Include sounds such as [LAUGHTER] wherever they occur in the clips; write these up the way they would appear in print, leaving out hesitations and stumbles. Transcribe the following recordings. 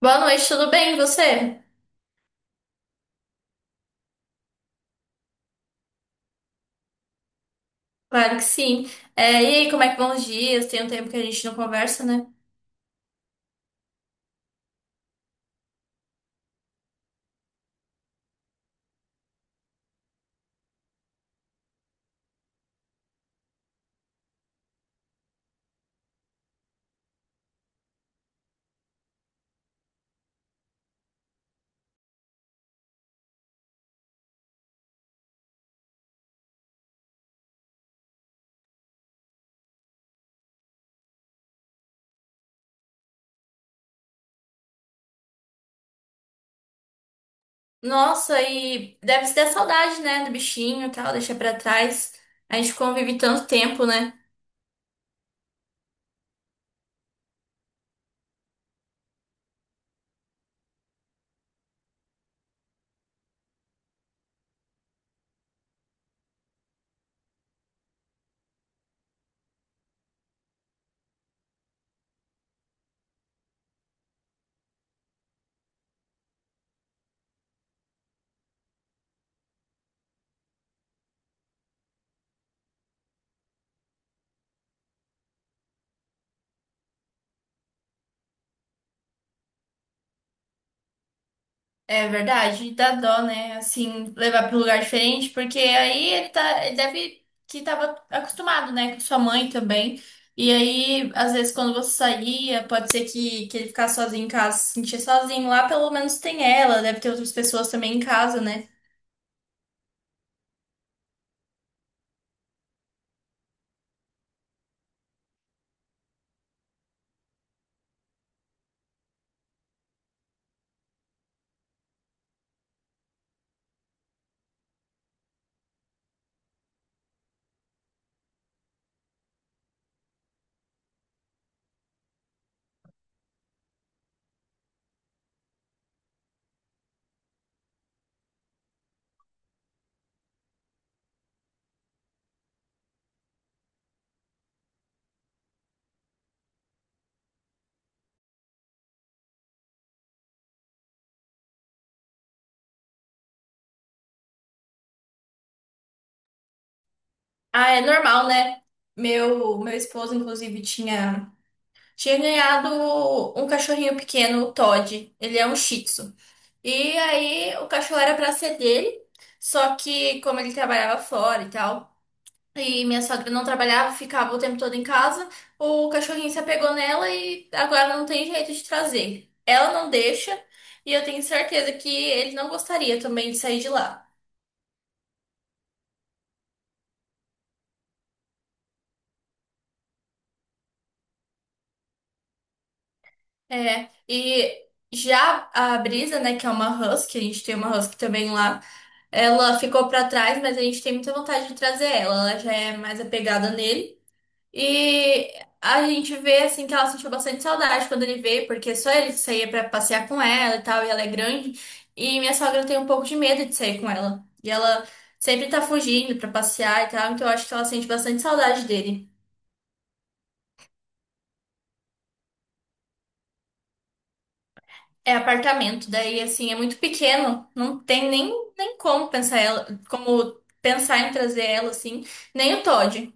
Boa noite, tudo bem? E você? Claro que sim. E aí, como é que vão os dias? Tem um tempo que a gente não conversa, né? Nossa, e deve se dar saudade, né? Do bichinho e tal, deixar pra trás. A gente convive tanto tempo, né? É verdade, dá dó, né? Assim, levar pra um lugar diferente, porque aí ele tá, ele deve que tava acostumado, né? Com sua mãe também. E aí, às vezes, quando você saía, pode ser que ele ficasse sozinho em casa, se sentia sozinho. Lá, pelo menos, tem ela, deve ter outras pessoas também em casa, né? Ah, é normal, né? Meu esposo, inclusive, tinha ganhado um cachorrinho pequeno, o Todd. Ele é um Shih Tzu. E aí, o cachorro era pra ser dele, só que como ele trabalhava fora e tal, e minha sogra não trabalhava, ficava o tempo todo em casa, o cachorrinho se apegou nela e agora não tem jeito de trazer. Ela não deixa, e eu tenho certeza que ele não gostaria também de sair de lá. É, e já a Brisa, né, que é uma husky, a gente tem uma husky também lá, ela ficou pra trás, mas a gente tem muita vontade de trazer ela, ela já é mais apegada nele. E a gente vê, assim, que ela sentiu bastante saudade quando ele veio, porque só ele saía pra passear com ela e tal, e ela é grande. E minha sogra tem um pouco de medo de sair com ela. E ela sempre tá fugindo pra passear e tal, então eu acho que ela sente bastante saudade dele. É apartamento, daí assim, é muito pequeno, não tem nem, nem como pensar ela, como pensar em trazer ela assim, nem o Todd.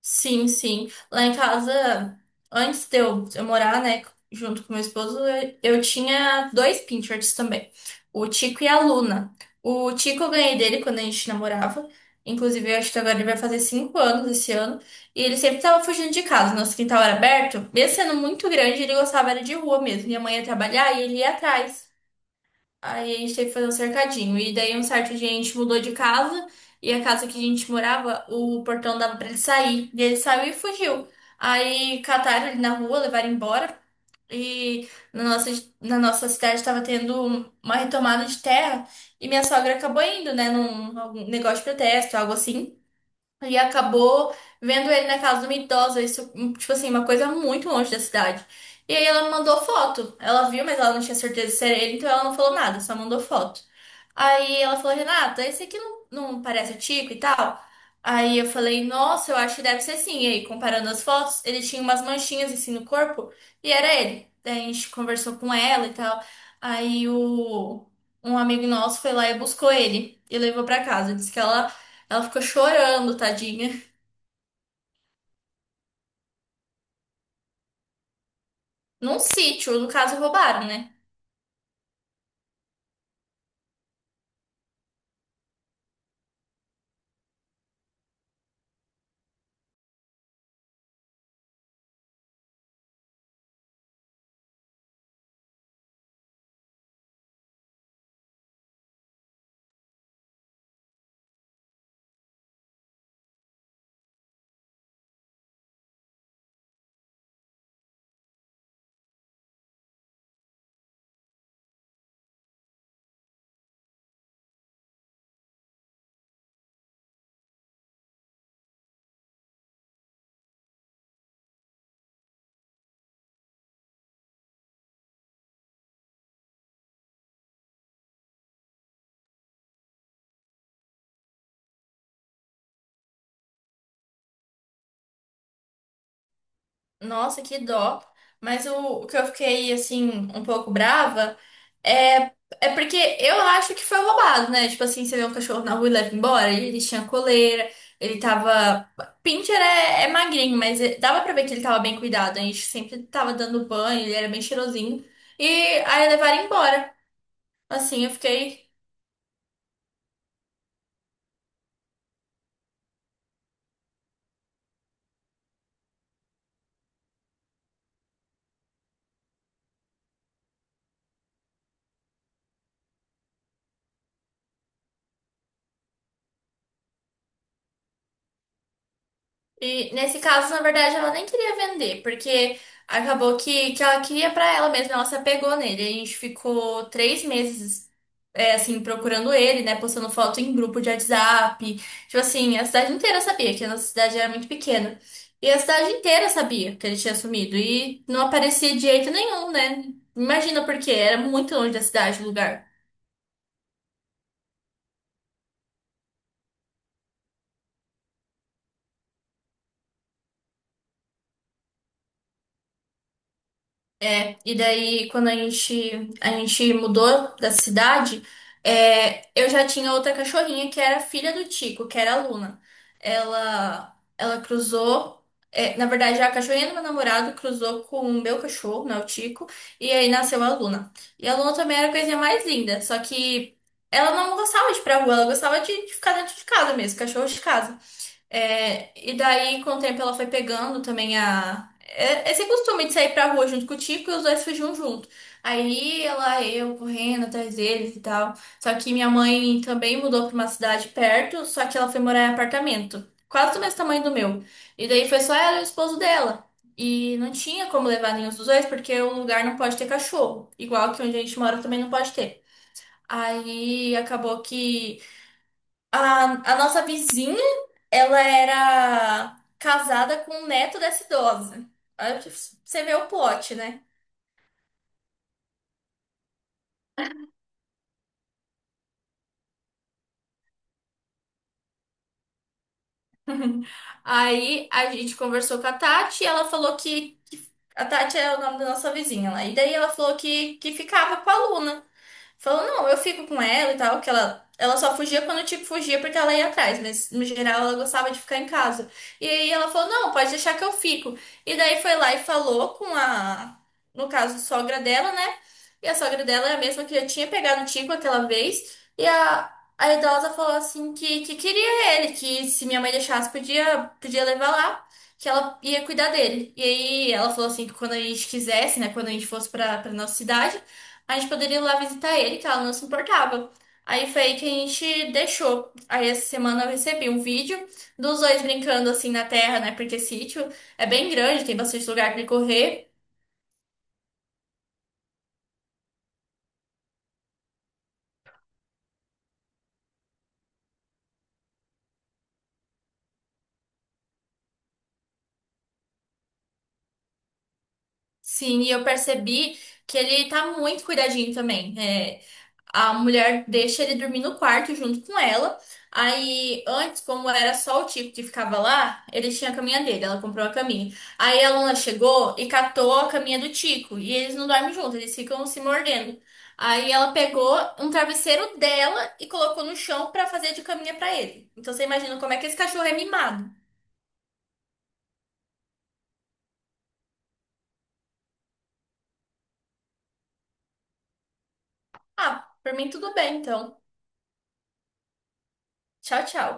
Sim, sim. Lá em casa, antes de eu morar, né, junto com meu esposo, eu tinha dois Pinterest também, o Tico e a Luna. O Tico eu ganhei dele quando a gente namorava. Inclusive, eu acho que agora ele vai fazer 5 anos esse ano. E ele sempre tava fugindo de casa. Nosso quintal era aberto. Mesmo sendo muito grande, ele gostava era de rua mesmo. Minha mãe ia trabalhar e ele ia atrás. Aí a gente teve que fazer um cercadinho. E daí, um certo dia, a gente mudou de casa. E a casa que a gente morava, o portão dava pra ele sair. E ele saiu e fugiu. Aí cataram ele na rua, levaram embora. E na nossa cidade estava tendo uma retomada de terra. E minha sogra acabou indo, né, num algum negócio de protesto, algo assim. E acabou vendo ele na casa de uma idosa, isso, tipo assim, uma coisa muito longe da cidade. E aí ela me mandou foto. Ela viu, mas ela não tinha certeza se era ele, então ela não falou nada, só mandou foto. Aí ela falou, Renata, esse aqui não parece o Tico e tal? Aí eu falei, nossa, eu acho que deve ser sim. E aí, comparando as fotos, ele tinha umas manchinhas assim no corpo e era ele. Daí a gente conversou com ela e tal. Aí o, Um amigo nosso foi lá e buscou ele e levou pra casa. Disse que ela ficou chorando, tadinha. Num sítio, no caso, roubaram, né? Nossa, que dó. Mas o que eu fiquei, assim, um pouco brava é, é porque eu acho que foi roubado, né? Tipo assim, você vê um cachorro na rua e leva embora, ele tinha coleira, ele tava. Pincher é magrinho, mas dava pra ver que ele tava bem cuidado. A gente sempre tava dando banho, ele era bem cheirosinho. E aí levaram embora. Assim, eu fiquei. E nesse caso, na verdade, ela nem queria vender, porque acabou que ela queria pra ela mesma, ela se apegou nele. A gente ficou 3 meses, assim, procurando ele, né? Postando foto em grupo de WhatsApp. Tipo assim, a cidade inteira sabia, que a nossa cidade era muito pequena. E a cidade inteira sabia que ele tinha sumido. E não aparecia de jeito nenhum, né? Imagina porque era muito longe da cidade, o lugar. É, e daí quando a gente mudou da cidade, eu já tinha outra cachorrinha que era filha do Tico, que era a Luna. Ela cruzou, na verdade a cachorrinha do meu namorado cruzou com o meu cachorro, né, o Tico, e aí nasceu a Luna. E a Luna também era a coisinha mais linda, só que ela não gostava de ir pra rua, ela gostava de ficar dentro de casa mesmo, cachorro de casa. É, e daí, com o tempo, ela foi pegando também esse costume de sair pra rua junto com o Tico e os dois fugiam junto. Aí ela, eu correndo atrás deles e tal. Só que minha mãe também mudou pra uma cidade perto, só que ela foi morar em apartamento, quase do mesmo tamanho do meu. E daí foi só ela e o esposo dela. E não tinha como levar nenhum dos dois, porque o lugar não pode ter cachorro. Igual que onde a gente mora também não pode ter. Aí acabou que a, a nossa vizinha, ela era casada com o neto dessa idosa. Aí você vê o plot, né? [LAUGHS] Aí a gente conversou com a Tati e ela falou que. A Tati é o nome da nossa vizinha lá. E daí ela falou que ficava com a Luna. Falou, não, eu fico com ela e tal, que ela só fugia quando, tipo, fugia porque ela ia atrás, mas no geral ela gostava de ficar em casa. E aí ela falou, não, pode deixar que eu fico. E daí foi lá e falou com a, no caso, sogra dela, né? E a sogra dela é a mesma que já tinha pegado o Tico aquela vez. E a idosa falou assim que queria ele, que se minha mãe deixasse, podia levar lá. Que ela ia cuidar dele. E aí ela falou assim que quando a gente quisesse, né? Quando a gente fosse pra nossa cidade. A gente poderia ir lá visitar ele, que ela não se importava. Aí foi aí que a gente deixou. Aí essa semana eu recebi um vídeo dos dois brincando assim na terra, né? Porque sítio é bem grande, tem bastante lugar para ele correr. Sim, e eu percebi que ele tá muito cuidadinho também. É, a mulher deixa ele dormir no quarto junto com ela. Aí, antes, como era só o Tico que ficava lá, ele tinha a caminha dele, ela comprou a caminha. Aí a Luna chegou e catou a caminha do Tico. E eles não dormem juntos, eles ficam se mordendo. Aí ela pegou um travesseiro dela e colocou no chão pra fazer de caminha pra ele. Então você imagina como é que esse cachorro é mimado. Ah, por mim tudo bem, então. Tchau, tchau.